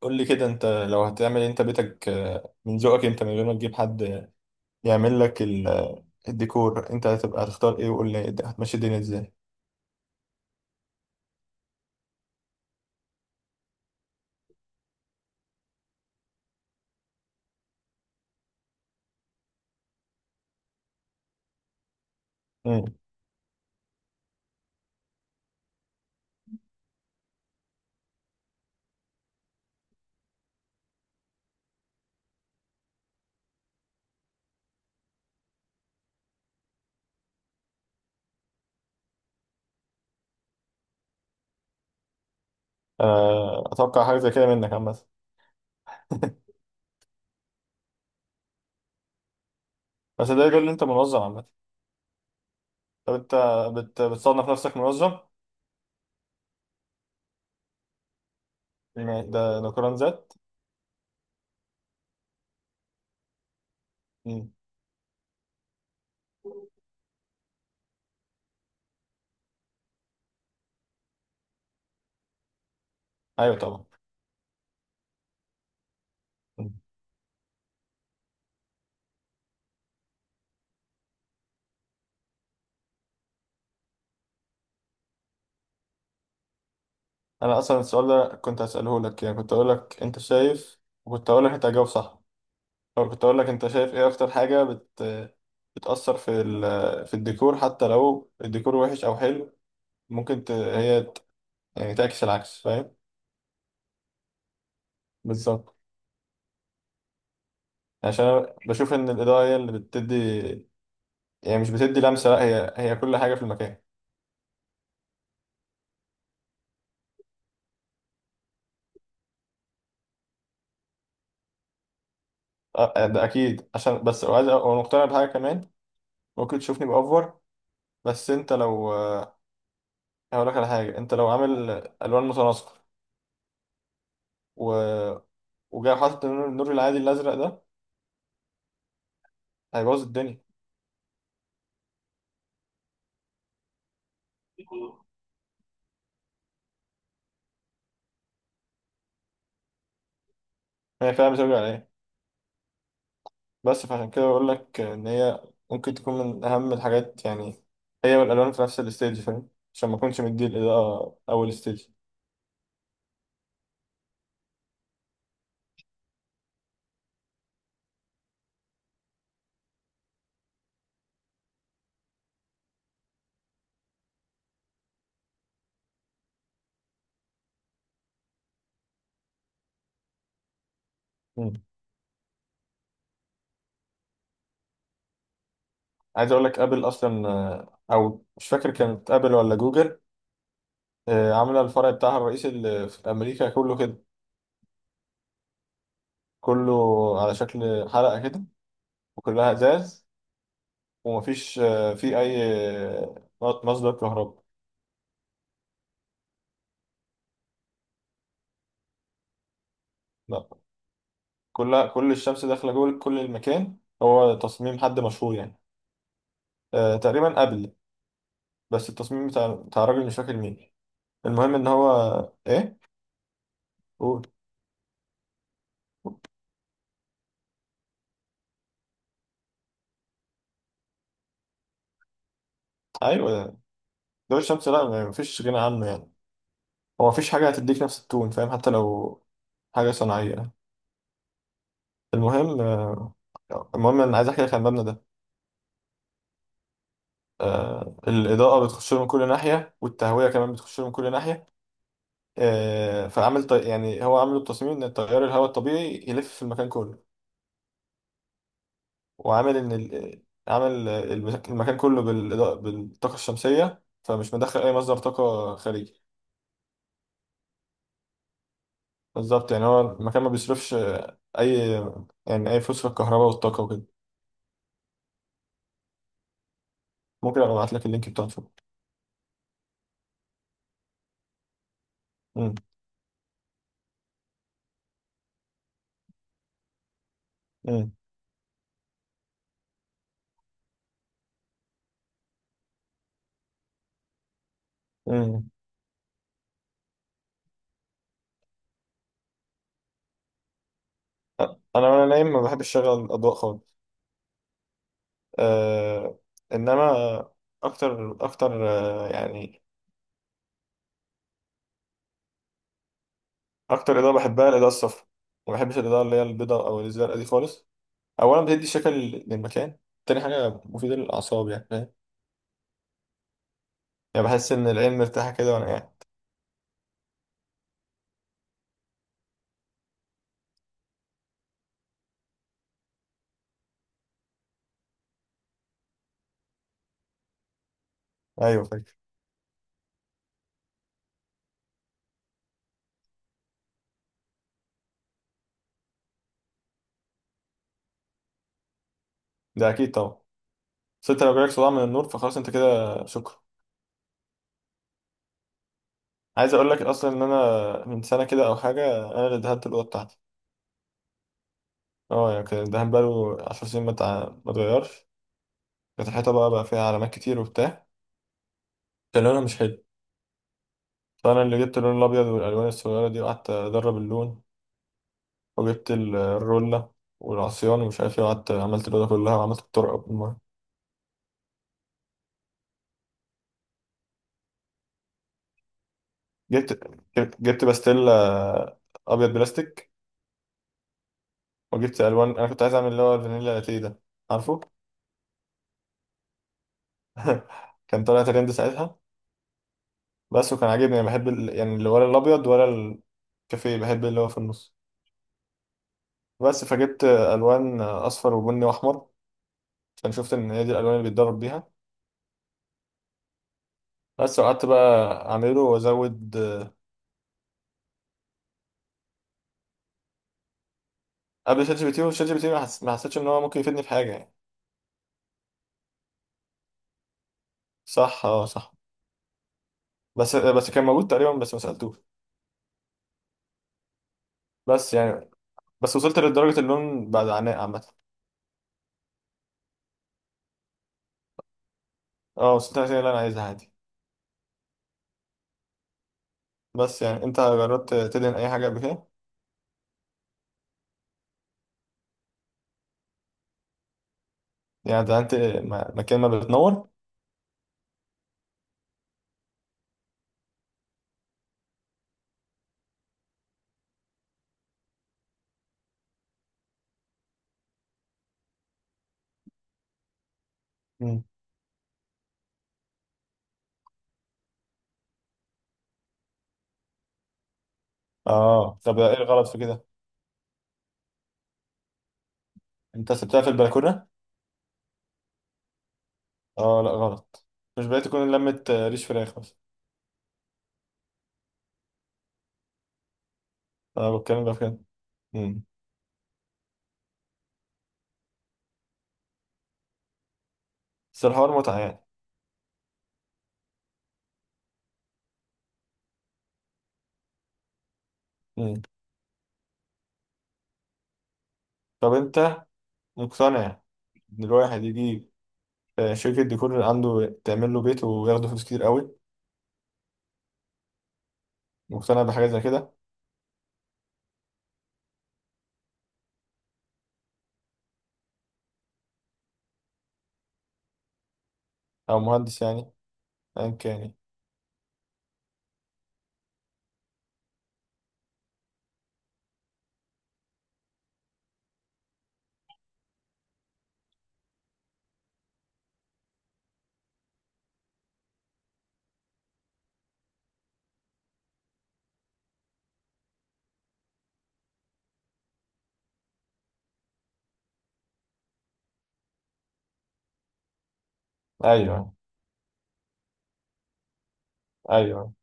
قول لي كده، انت لو هتعمل إيه؟ انت بيتك، من ذوقك، انت من غير ما تجيب حد يعمل لك الديكور، انت هتبقى هتختار ايه؟ وقول لي هتمشي الدنيا ازاي. امم. اتوقع حاجه زي كده منك عامه. بس ده يدل ان انت منظم عامه. طب انت بتصنف نفسك منظم؟ يعني ده قرار ذات. امم. ايوه طبعا. انا اصلا السؤال ده كنت هسأله لك، يعني كنت اقول لك انت شايف، وكنت اقول لك انت هتجاوب صح، او كنت اقول لك انت شايف ايه اكتر حاجة بتأثر في الديكور، حتى لو الديكور وحش او حلو. ممكن هي يعني تعكس العكس، فاهم؟ بالظبط. عشان انا بشوف ان الإضاءة هي اللي بتدي، يعني مش بتدي لمسة، لا هي كل حاجة في المكان. أه آه، ده اكيد، عشان بس وعايز وانا مقتنع بحاجة كمان. ممكن تشوفني بأوفر، بس انت لو، هقول لك على حاجة، انت لو عامل الوان متناسقة و... وجاي حاطط النور العادي الازرق، ده هيبوظ الدنيا. هي فعلا بترجع لايه؟ بس فعشان كده بقول لك ان هي ممكن تكون من اهم الحاجات، يعني هي والالوان في نفس الستيج، فاهم؟ عشان ما اكونش مدي الاضاءه اول ستيج. مم. عايز اقول لك، ابل اصلا، او مش فاكر كانت ابل ولا جوجل، عامله الفرع بتاعها الرئيسي اللي في امريكا كله كده، كله على شكل حلقه كده، وكلها ازاز، ومفيش، فيه اي، مصدر كهرباء. كل الشمس داخله جوه كل المكان، هو تصميم حد مشهور يعني. تقريبا قبل، بس التصميم بتاع الراجل مش فاكر مين. المهم ان هو، ايه؟ قول. ايوه، ضوء الشمس، لا مفيش غنى عنه يعني. هو مفيش حاجه هتديك نفس التون، فاهم؟ حتى لو حاجه صناعيه. المهم، المهم انا عايز احكي لك عن المبنى ده. الاضاءه بتخش له من كل ناحيه، والتهويه كمان بتخش له من كل ناحيه. فعمل يعني هو عامل التصميم ان تيار الهواء الطبيعي يلف في المكان كله، وعامل ان عامل المكان كله بالإضاءة، بالطاقه الشمسيه، فمش مدخل اي مصدر طاقه خارجي. بالظبط، يعني هو المكان ما بيصرفش اي، يعني اي فلوس في الكهرباء والطاقه وكده. ممكن ابقى ابعت لك اللينك بتاعته. مم. مم. مم. أ- انا وانا نايم ما بحبش اشغل الاضواء خالص. أه... انما اكتر اكتر، يعني اكتر اضاءه بحبها الاضاءه الصفراء. ما بحبش الاضاءه اللي هي البيضاء او الزرقاء دي خالص. اولا بتدي شكل للمكان، تاني حاجه مفيده للاعصاب، يعني فاهم؟ يعني بحس ان العين مرتاحه كده وانا قاعد. ايوه فاكر. ده اكيد طبعا. بس انت لو جالك صداع من النور فخلاص انت كده شكرا. عايز اقول لك اصلا ان انا من سنه كده او حاجه، انا اللي دهنت الاوضه بتاعتي. اه، يعني كان الدهان بقاله 10 سنين، ما اتغيرش. كانت الحيطه بقى فيها علامات كتير وبتاع، كان لونها مش حلو. فانا اللي جبت اللون الابيض والالوان الصغيره دي، وقعدت ادرب اللون، وجبت الرولة والعصيان ومش عارف ايه، وقعدت عملت الأوضة كلها وعملت الطرقة. جبت جبت باستيلا ابيض بلاستيك، وجبت الوان. انا كنت عايز اعمل اللي هو الفانيلا لاتيه ده، عارفه؟ كان طالع ترند ساعتها. بس، وكان عاجبني، انا بحب يعني اللي ولا الابيض ولا الكافيه، بحب اللي هو في النص. بس، فجبت الوان اصفر وبني واحمر، عشان شفت ان هي دي الالوان اللي بيتدرب بيها. بس وقعدت بقى اعمله وازود. قبل شات جي بي تي، وشات جي بي تي ما حسيتش ان هو ممكن يفيدني في حاجه يعني. صح، اه، صح. بس كان موجود تقريبا، بس ما سالتوش. بس يعني، بس وصلت لدرجة اللون بعد عناء عامة. اه وصلت للنتيجة اللي أنا عايزها عادي. بس يعني، أنت جربت تدهن أي حاجة قبل كده؟ يعني دهنت مكان ما بتنور؟ مم. اه، طب إيه الغلط في كده؟ أنت سبتها في البلكونة؟ اه لا غلط. مش بقيت تكون لمة، ريش فراخ مثلا. أنا بتكلم بقى في كده. مم. بس الحوار متعة يعني. مم. طب أنت مقتنع إن الواحد يجي، شركة ديكور اللي عنده تعمل له بيت وياخده فلوس كتير قوي؟ مقتنع بحاجة زي كده؟ أو مهندس يعني، أيا كان يعني. أيوه. أيوه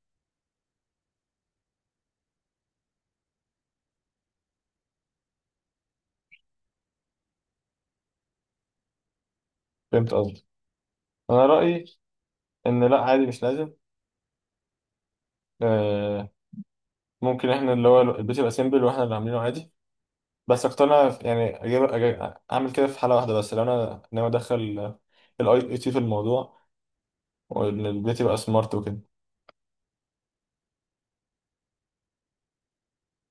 فهمت قصدي. انا رايي ان لا، عادي، مش لازم. آه، ممكن احنا اللي هو البيت يبقى سيمبل واحنا اللي عاملينه عادي. بس اقتنع يعني اجيب، أجيب اعمل كده في حاله واحده بس، لو انا ناوي ادخل الاي اي تي في الموضوع، وان البيت يبقى سمارت وكده.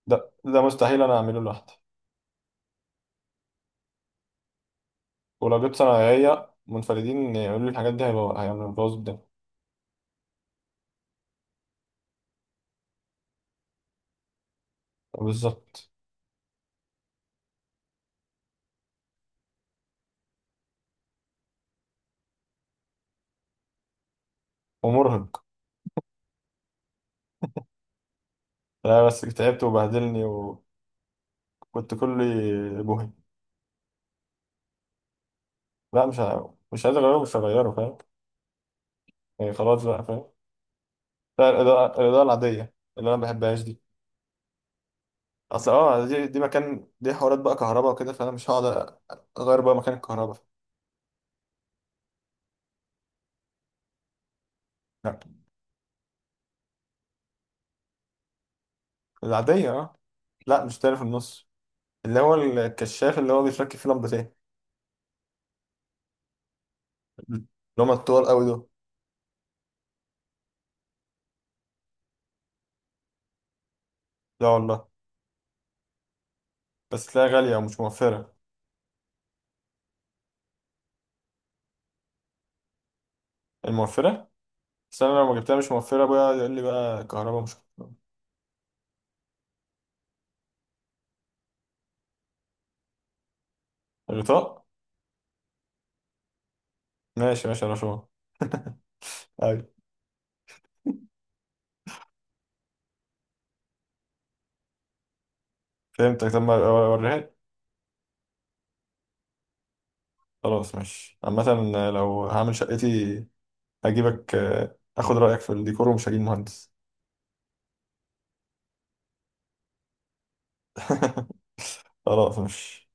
ده ده مستحيل انا اعمله لوحدي. ولو جبت صنايعيه منفردين يعملوا لي الحاجات دي، هيبقى هيعملوا بوظ الدنيا. بالظبط. ومرهق. لا بس تعبت وبهدلني، وكنت كلي بوهي. لا مش عايز اغيره، مش هغيره فاهم. يعني خلاص بقى، فاهم. لا، الإضاءة العادية اللي أنا ما بحبهاش دي. أصل أه دي مكان، دي حوارات بقى كهرباء وكده، فأنا مش هقعد أغير بقى مكان الكهرباء. لا العادية، أه. لا مش تاني في النص. اللي هو الكشاف اللي هو بيتركب فيه لمبتين. اللي هما الطوال أوي دول. لا والله. بس تلاقيها غالية ومش موفرة. الموفرة. بس أنا لو ما جبتها مش موفرة بقى يقول لي بقى كهرباء مش. الغطاء. ماشي ماشي يا رشوان أيوة. فهمتك، طب ما أوريها لي. خلاص ماشي عامة، لو هعمل شقتي هجيبك، اخد رايك في الديكور ومش هجيب مهندس. خلاص مش.